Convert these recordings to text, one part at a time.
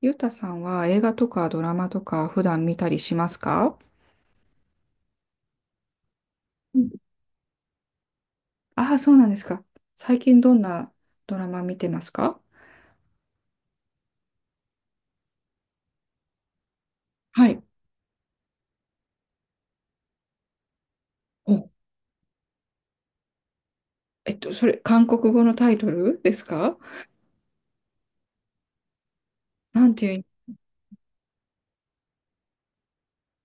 ゆうたさんは映画とかドラマとか普段見たりしますか？ああー、そうなんですか。最近どんなドラマ見てますか？はい。お、それ、韓国語のタイトルですか？なんてい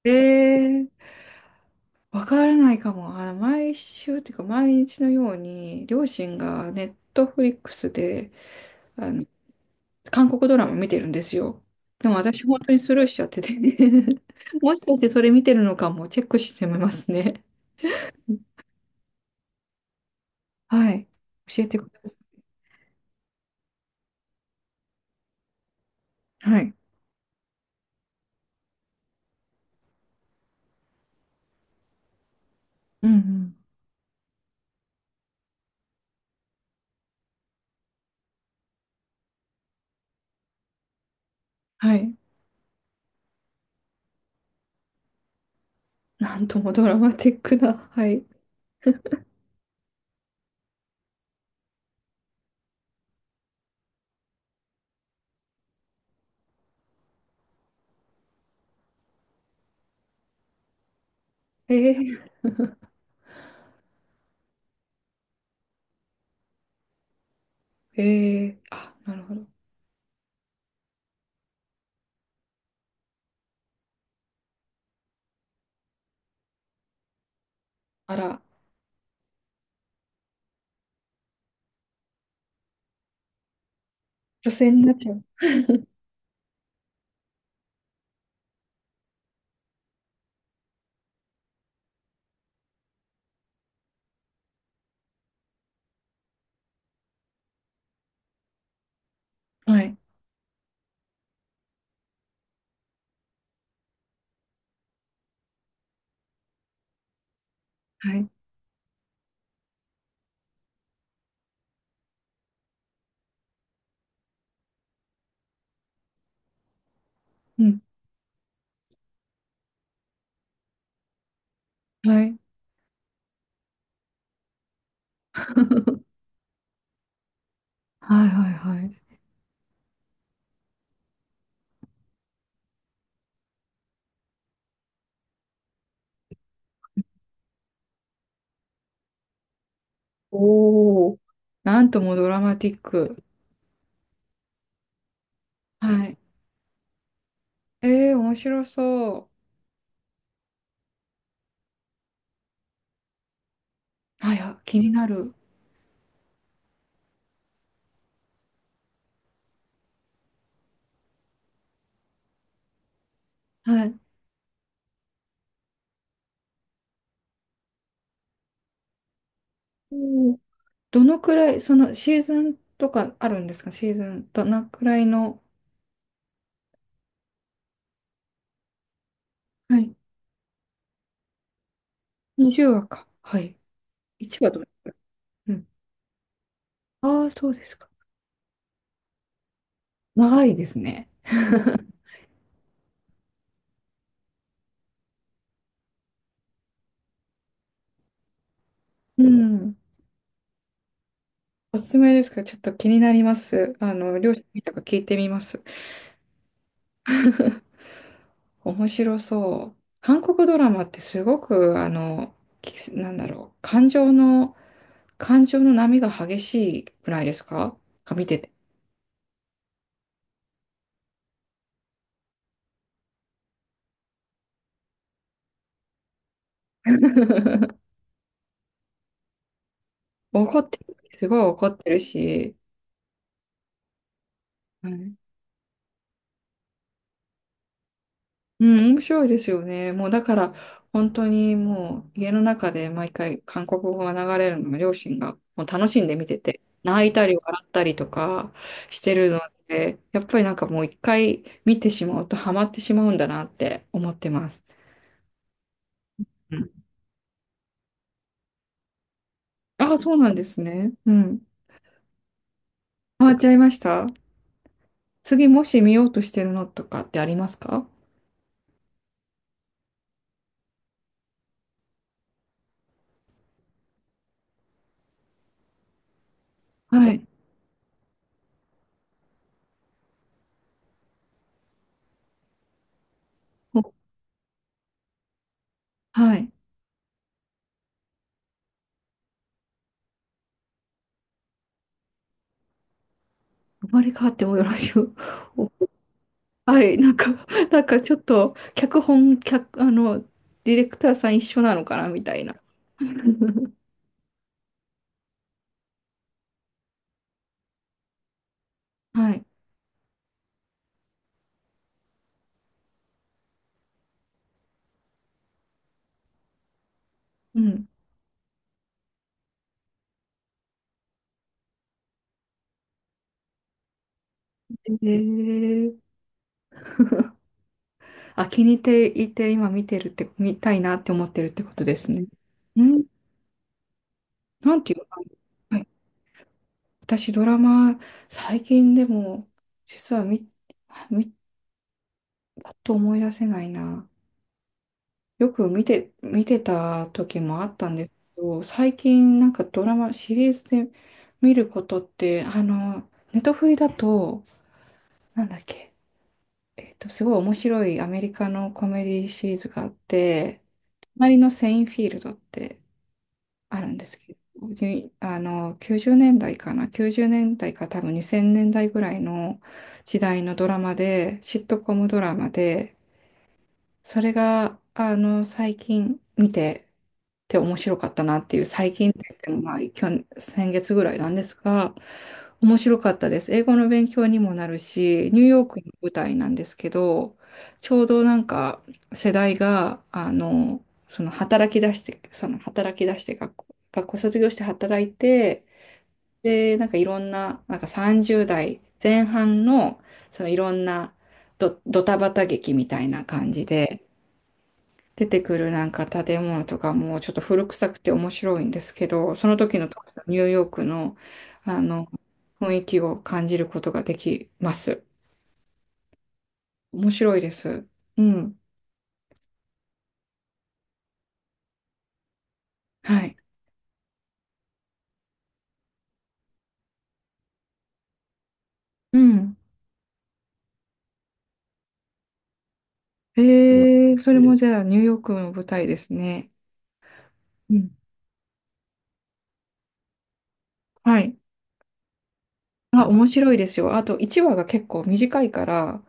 う、わからないかも。あの、毎週っていうか、毎日のように、両親がネットフリックスで、あの、韓国ドラマ見てるんですよ。でも私、本当にスルーしちゃってて、 もしかしてそれ見てるのかも、チェックしてみますね。はい。教えてください。はい。うんうん。はい。なんともドラマティックな。はい。えー、えー、あ、なるほど。あら、女性になっちゃう。はい。はい。うん。はい。はいはい、はい。おお。なんともドラマティック。はい。えー、面白そう。はいや、気になる。はい。おー、どのくらい、そのシーズンとかあるんですか？シーズン、どのくらいの、はい。20話か。はい。1話と。うん。ああ、そうですか。長いですね。うん。おすすめですか？ちょっと気になります。あの、両親見たか聞いてみます。面白そう。韓国ドラマってすごく、きなんだろう、感情の、感情の波が激しいくらいですか？が見てて。怒ってる、すごい怒ってるし、うん、面白いですよね。もうだから、本当にもう家の中で毎回韓国語が流れるのが両親がもう楽しんで見てて、泣いたり笑ったりとかしてるので、やっぱりなんかもう一回見てしまうとハマってしまうんだなって思ってます。うん。あ、そうなんですね。うん。ハマっちゃいました。次もし見ようとしてるのとかってありますか？はい。お、はい。生まれ変わってもよろしく。 お、はい、なんか、なんかちょっと、脚本、脚、ディレクターさん一緒なのかなみたいな。はい。うん。ええ、あ、気に入っていて、今見てるって、見たいなって思ってるってことですね。うん、なんていうか、はい、私ドラマ、最近でも、実は見、見、パッと思い出せないな。よく見て、見てた時もあったんですけど、最近なんかドラマ、シリーズで見ることって、ネトフリだと、なんだっけ、すごい面白いアメリカのコメディシリーズがあって、隣のセインフィールドってあるんですけど、にあの、90年代かな、90年代か多分2000年代ぐらいの時代のドラマで、シットコムドラマで、それが、最近見て面白かったなっていう、最近って言っても、まあ、去年先月ぐらいなんですが、面白かったです。英語の勉強にもなるし、ニューヨークの舞台なんですけど、ちょうどなんか世代が、その働き出して、学校卒業して働いて、で、なんかいろんな、なんか30代前半の、そのいろんなドタバタ劇みたいな感じで、出てくるなんか建物とかもちょっと古臭くて面白いんですけど、その時の当時のニューヨークの、あの雰囲気を感じることができます。面白いです。うん。はい。うん。えー、それもじゃあニューヨークの舞台ですね。うん。はい。あ、面白いですよ。あと1話が結構短いから、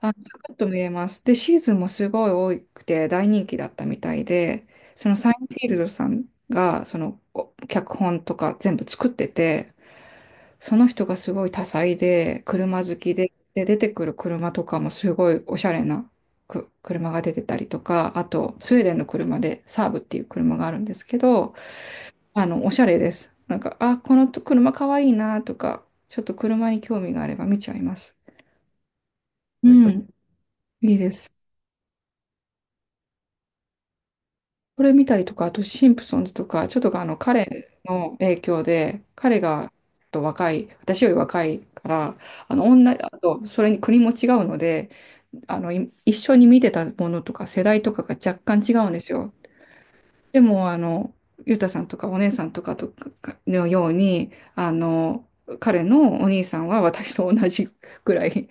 あ、サクッと見れます。で、シーズンもすごい多くて大人気だったみたいで、そのサインフィールドさんが、そのお脚本とか全部作ってて、その人がすごい多彩で、車好きで、で、出てくる車とかもすごいおしゃれなく車が出てたりとか、あと、スウェーデンの車でサーブっていう車があるんですけど、おしゃれです。なんか、あ、この車かわいいなとか、ちょっと車に興味があれば見ちゃいます。うん、いいです。これ見たりとか、あとシンプソンズとか、ちょっとあの彼の影響で、彼がちょっと若い、私より若いから、あの女、あとそれに国も違うので、あのい一緒に見てたものとか世代とかが若干違うんですよ。でも、ゆうたさんとかお姉さんとかとかのように、あの、彼のお兄さんは私と同じくらい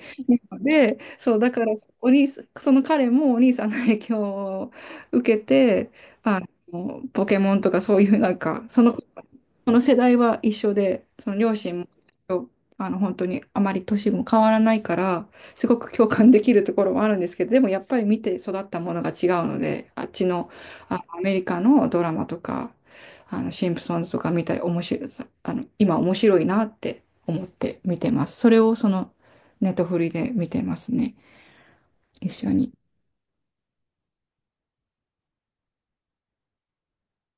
なので、そう、だから、お兄さん、その彼もお兄さんの影響を受けて、あポケモンとかそういうなんか、その世代は一緒で、その両親も、本当にあまり年も変わらないから、すごく共感できるところもあるんですけど、でもやっぱり見て育ったものが違うので、あっちの、あのアメリカのドラマとか、シンプソンズとか見たり、面白い、さあの、今面白いなって思って見てます。それをその、ネットフリで見てますね。一緒に。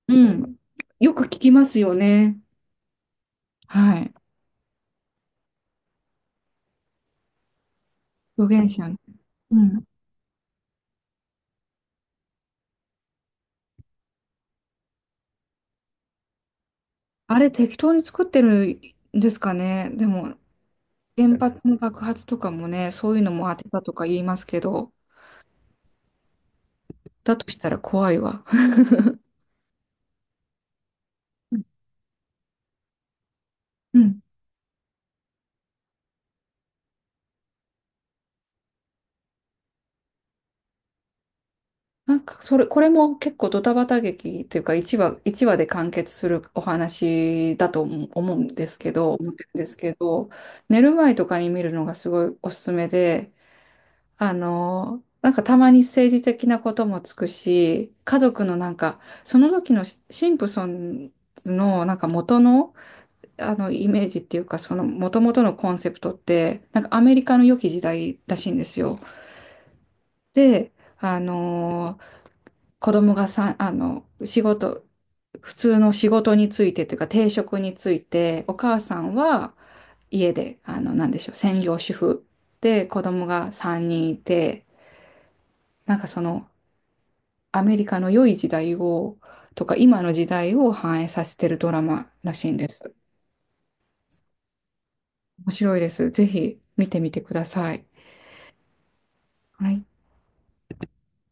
うん。よく聞きますよね。はい。表現者の。うん。あれ適当に作ってるんですかね。でも、原発の爆発とかもね、そういうのも当てたとか言いますけど、だとしたら怖いわ。うん。なんか、それ、これも結構ドタバタ劇っていうか、1話、一話で完結するお話だと思うんですけど、思ってるんですけど、寝る前とかに見るのがすごいおすすめで、なんかたまに政治的なこともつくし、家族のなんか、その時のシンプソンズのなんか元の、イメージっていうか、その、元々のコンセプトって、なんかアメリカの良き時代らしいんですよ。で、あのー子供がさ、普通の仕事についてというか、定職について、お母さんは家で、なんでしょう、専業主婦で、子供が3人いて、なんかその、アメリカの良い時代を、とか、今の時代を反映させてるドラマらしいんです。面白いです。ぜひ見てみてください。はい。